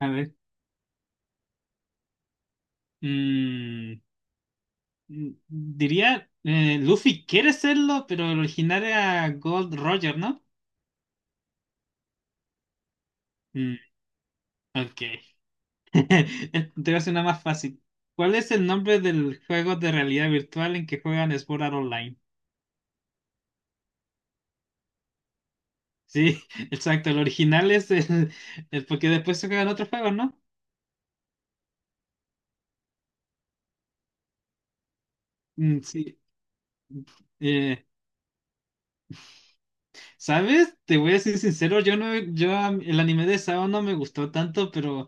A ver. mm, diría, Luffy quiere serlo, pero el original era Gold Roger, ¿no? Mm, ok. Te voy a hacer una más fácil. ¿Cuál es el nombre del juego de realidad virtual en que juegan Sword Art Online? Sí, exacto. El original es el- Porque después se juegan otros juegos, ¿no? Mm, sí. Eh, ¿Sabes? Te voy a ser sincero, yo no, yo am- el anime de Sao no me gustó tanto, pero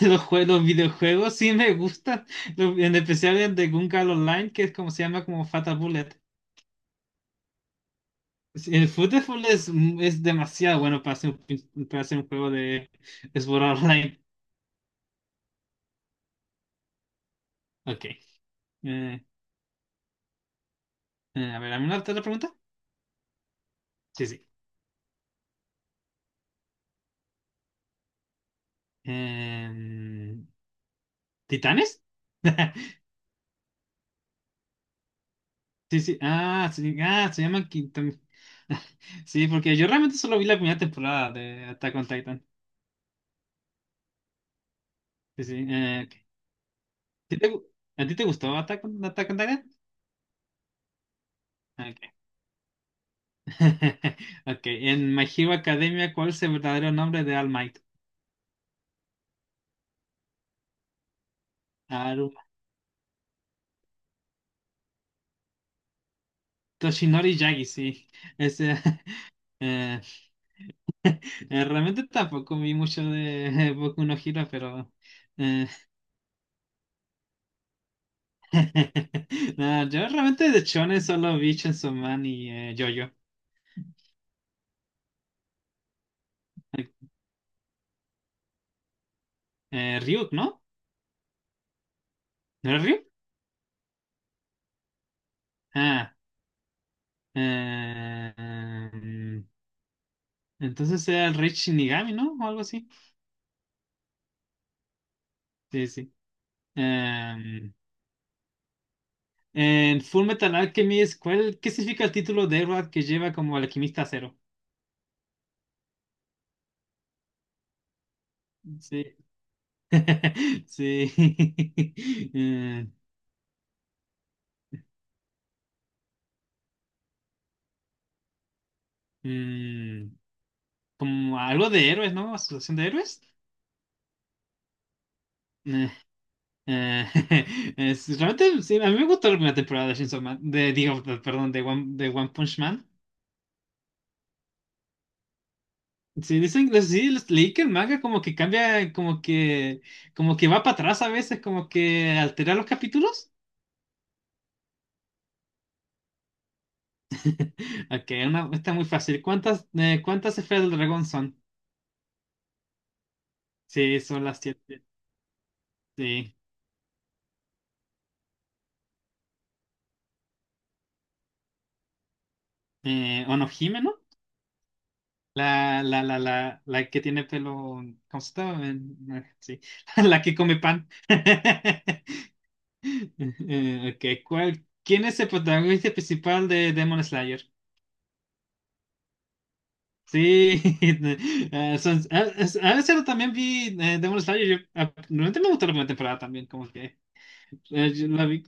Los videojuegos sí me gustan, en especial el de Gun Gungal Online, que es como se llama como Fatal Bullet. Sí, el Football es demasiado bueno para hacer un juego de Sword Online. Ok. Eh, a ver, ¿a mí una otra pregunta? Sí, sí. Em, ¿Titanes? Sí, sí. Ah, sí, ah, se llaman Kitam- Sí, porque yo realmente solo vi la primera temporada de Attack on Titan. Sí, sí. Ok. ¿Sí te gu- ¿A ti te gustó Attack on Titan? Ok. Ok, en My Hero Academia, ¿cuál es el verdadero nombre de All Might? Aruma. Toshinori Yagi, sí. Ese, eh, realmente tampoco vi mucho de Boku no Hero, pero… eh, no, yo realmente de Shonen solo vi Chainsaw Man y JoJo. Eh, Ryuk, ¿no? ¿No era Ryuk? Ah, eh, em, entonces era el Rey Shinigami, ¿no? O algo así. Sí, sí. Em, En Full Metal Alchemist, ¿qué significa el título de Edward que lleva como alquimista cero? Sí, sí. Eh, mm, Como algo de héroes, ¿no? Asociación de héroes. Eh, eh, Realmente, sí, a mí me gustó la primera temporada de Chainsaw Man, de, digo, de- perdón, de One Punch Man. Sí, dicen, sí, leí que el manga como que cambia, como que va para atrás a veces, como que altera los capítulos. Ok, está muy fácil. ¿Cuántas esferas del dragón son? Sí, son las siete. Sí. Onohime, ¿no? La que tiene pelo. ¿Cómo se llama? Sí. La que come pan. Ok, ¿Quién es el protagonista principal de Demon Slayer? Sí, a veces también vi Demon Slayer. Realmente me gustó la primera temporada también, como que yo la vi.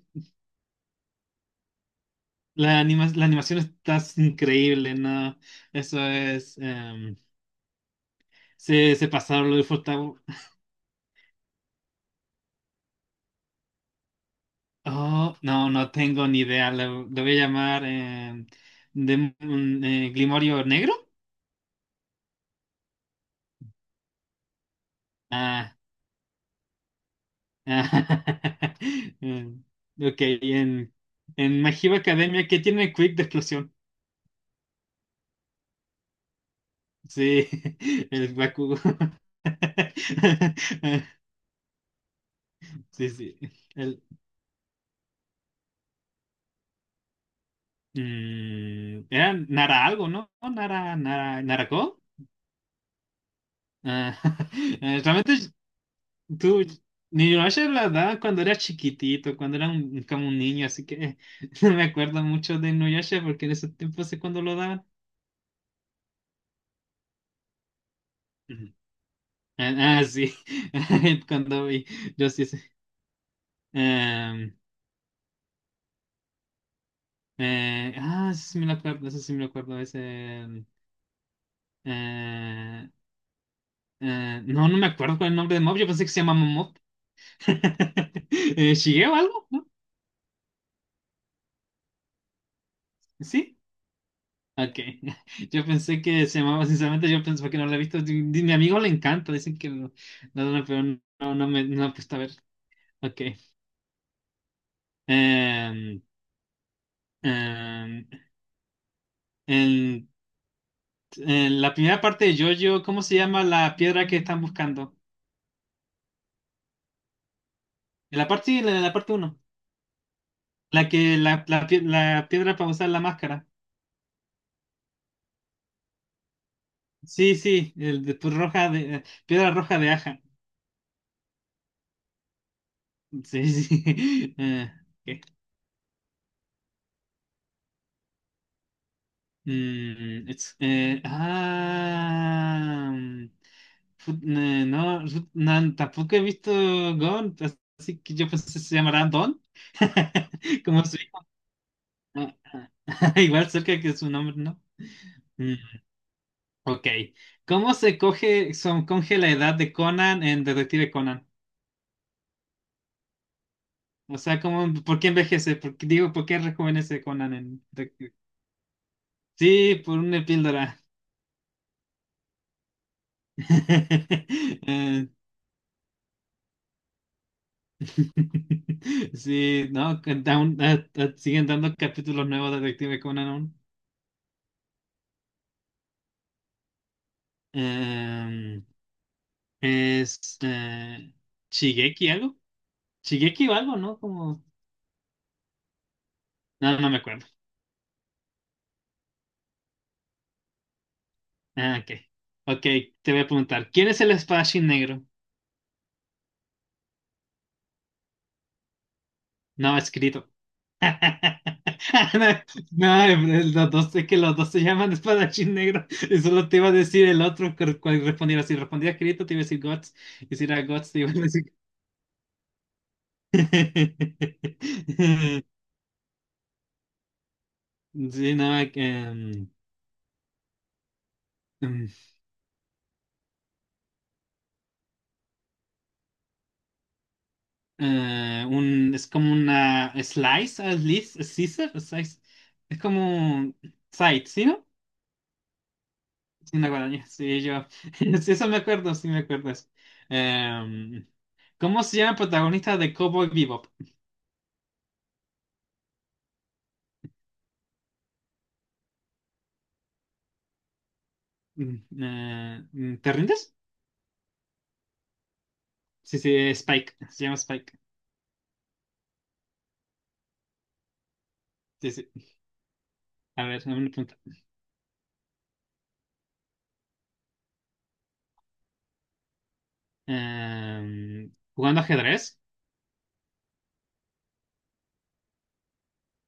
La animación está increíble, ¿no? Eso es. Se pasaron lo disfrutaba. Oh, no, no tengo ni idea. Lo voy a llamar Grimorio Negro. Ah, ah, em, ok, en My Hero Academia, ¿qué tiene Quick de explosión? Sí, el Bakugo. Sí, sí. El, era Nara algo, ¿no? Nara, Narako. Ah, Realmente tú, Inuyasha la daba cuando era chiquitito, cuando era como un niño, así que no me acuerdo mucho de Inuyasha porque en esos tiempos sé cuando lo daban. Ujú. Ah, ah, sí, cuando vi, yo sí sé. Em, Eso sí me lo acuerdo, eso sí me lo acuerdo, ese… em, eh, no, no me acuerdo cuál es el nombre de Mob, yo pensé que se llamaba Mob. ¿Shigeo algo? ¿No? Sí. Ok. Yo pensé que se llamaba, sinceramente, yo pensé que no la he visto. Mi amigo le encanta, no, no, pero no, no no me no he puesto a ver. Ok. Em, em, en, en la primera parte de JoJo, ¿cómo se llama la piedra que están buscando? En la parte, en la, la parte uno, La que, la, pie- la piedra para usar la máscara. Sí, sí, el de tu roja de, piedra roja de aja. Sí, sí. Ok. Mm, it's, ah, mm, fut- no, fut- nan- Tampoco he visto Gon, así que yo pensé que se llamará Don, como su hijo. Ah, ah, Igual cerca que su nombre, ¿no? Mm, ok. ¿Cómo se coge, son, ¿Coge la edad de Conan en Detective Conan? O sea, ¿por qué envejece? ¿Por qué rejuvenece Conan en Detective? Sí, por una píldora. Eh, Sí, no, que siguen dando capítulos nuevos de Detective Conan aún. Em, es Shigeki algo. Shigeki o algo, ¿no? Como… No, no me acuerdo. Ah, ok. Ok, te voy a preguntar. ¿Quién es el espadachín negro? No, escrito. No, los dos, es que los dos se llaman espadachín negro. Y solo te iba a decir el otro, cuál respondiera. Si respondía escrito, te iba a decir Guts. Y si era Guts, te iba a decir Sí, no, que, mm, mm, un, es como una slice, es como un side, ¿sí, no? Sí, una guadaña, sí, yo, sí, eso me acuerdo, sí me acuerdo eso. Em, ¿Cómo se llama el protagonista de Cowboy Bebop? Mm, ¿Te rindes? Sí, sí, Spike, se llama Spike, sí, sí, a ver, una pregunta. ¿Jugando ajedrez?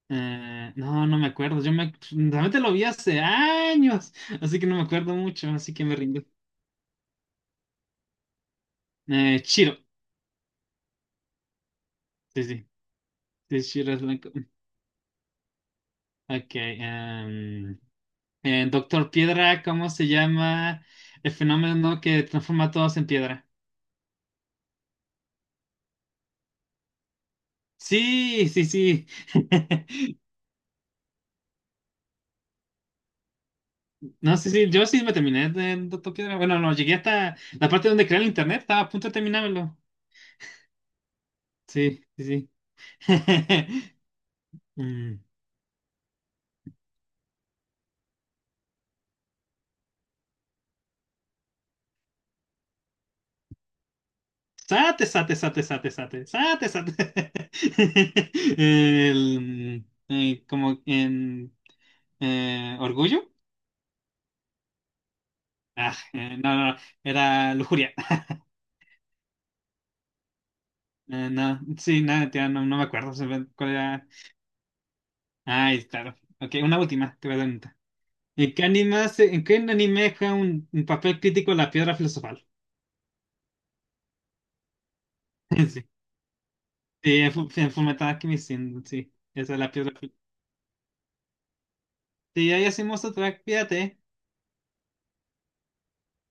No, no me acuerdo. Yo me realmente lo vi hace años, así que no me acuerdo mucho, así que me rindo. Chiro, sí, sí, sí, Chiro es blanco. Ok, Doctor Piedra, ¿cómo se llama el fenómeno que transforma a todos en piedra? Sí, sí, sí. No, sí, sí, yo sí me terminé de Doctor Piedra. Bueno, no, llegué hasta la parte donde crea el internet, estaba a punto de terminármelo. Sí, sí, sí. Mm. Sate. Como en orgullo. Ah, no, era lujuria. No, sí, nada, tía, no, no me acuerdo se ve cuál era. Ay, claro. Ok, una última, te voy a dar una. ¿En qué anime juega un papel crítico la piedra filosofal? Sí, sí, en Fullmetal Alchemist, sí, sí, esa es la piedra filosofal. Sí, ahí hacemos otra, fíjate.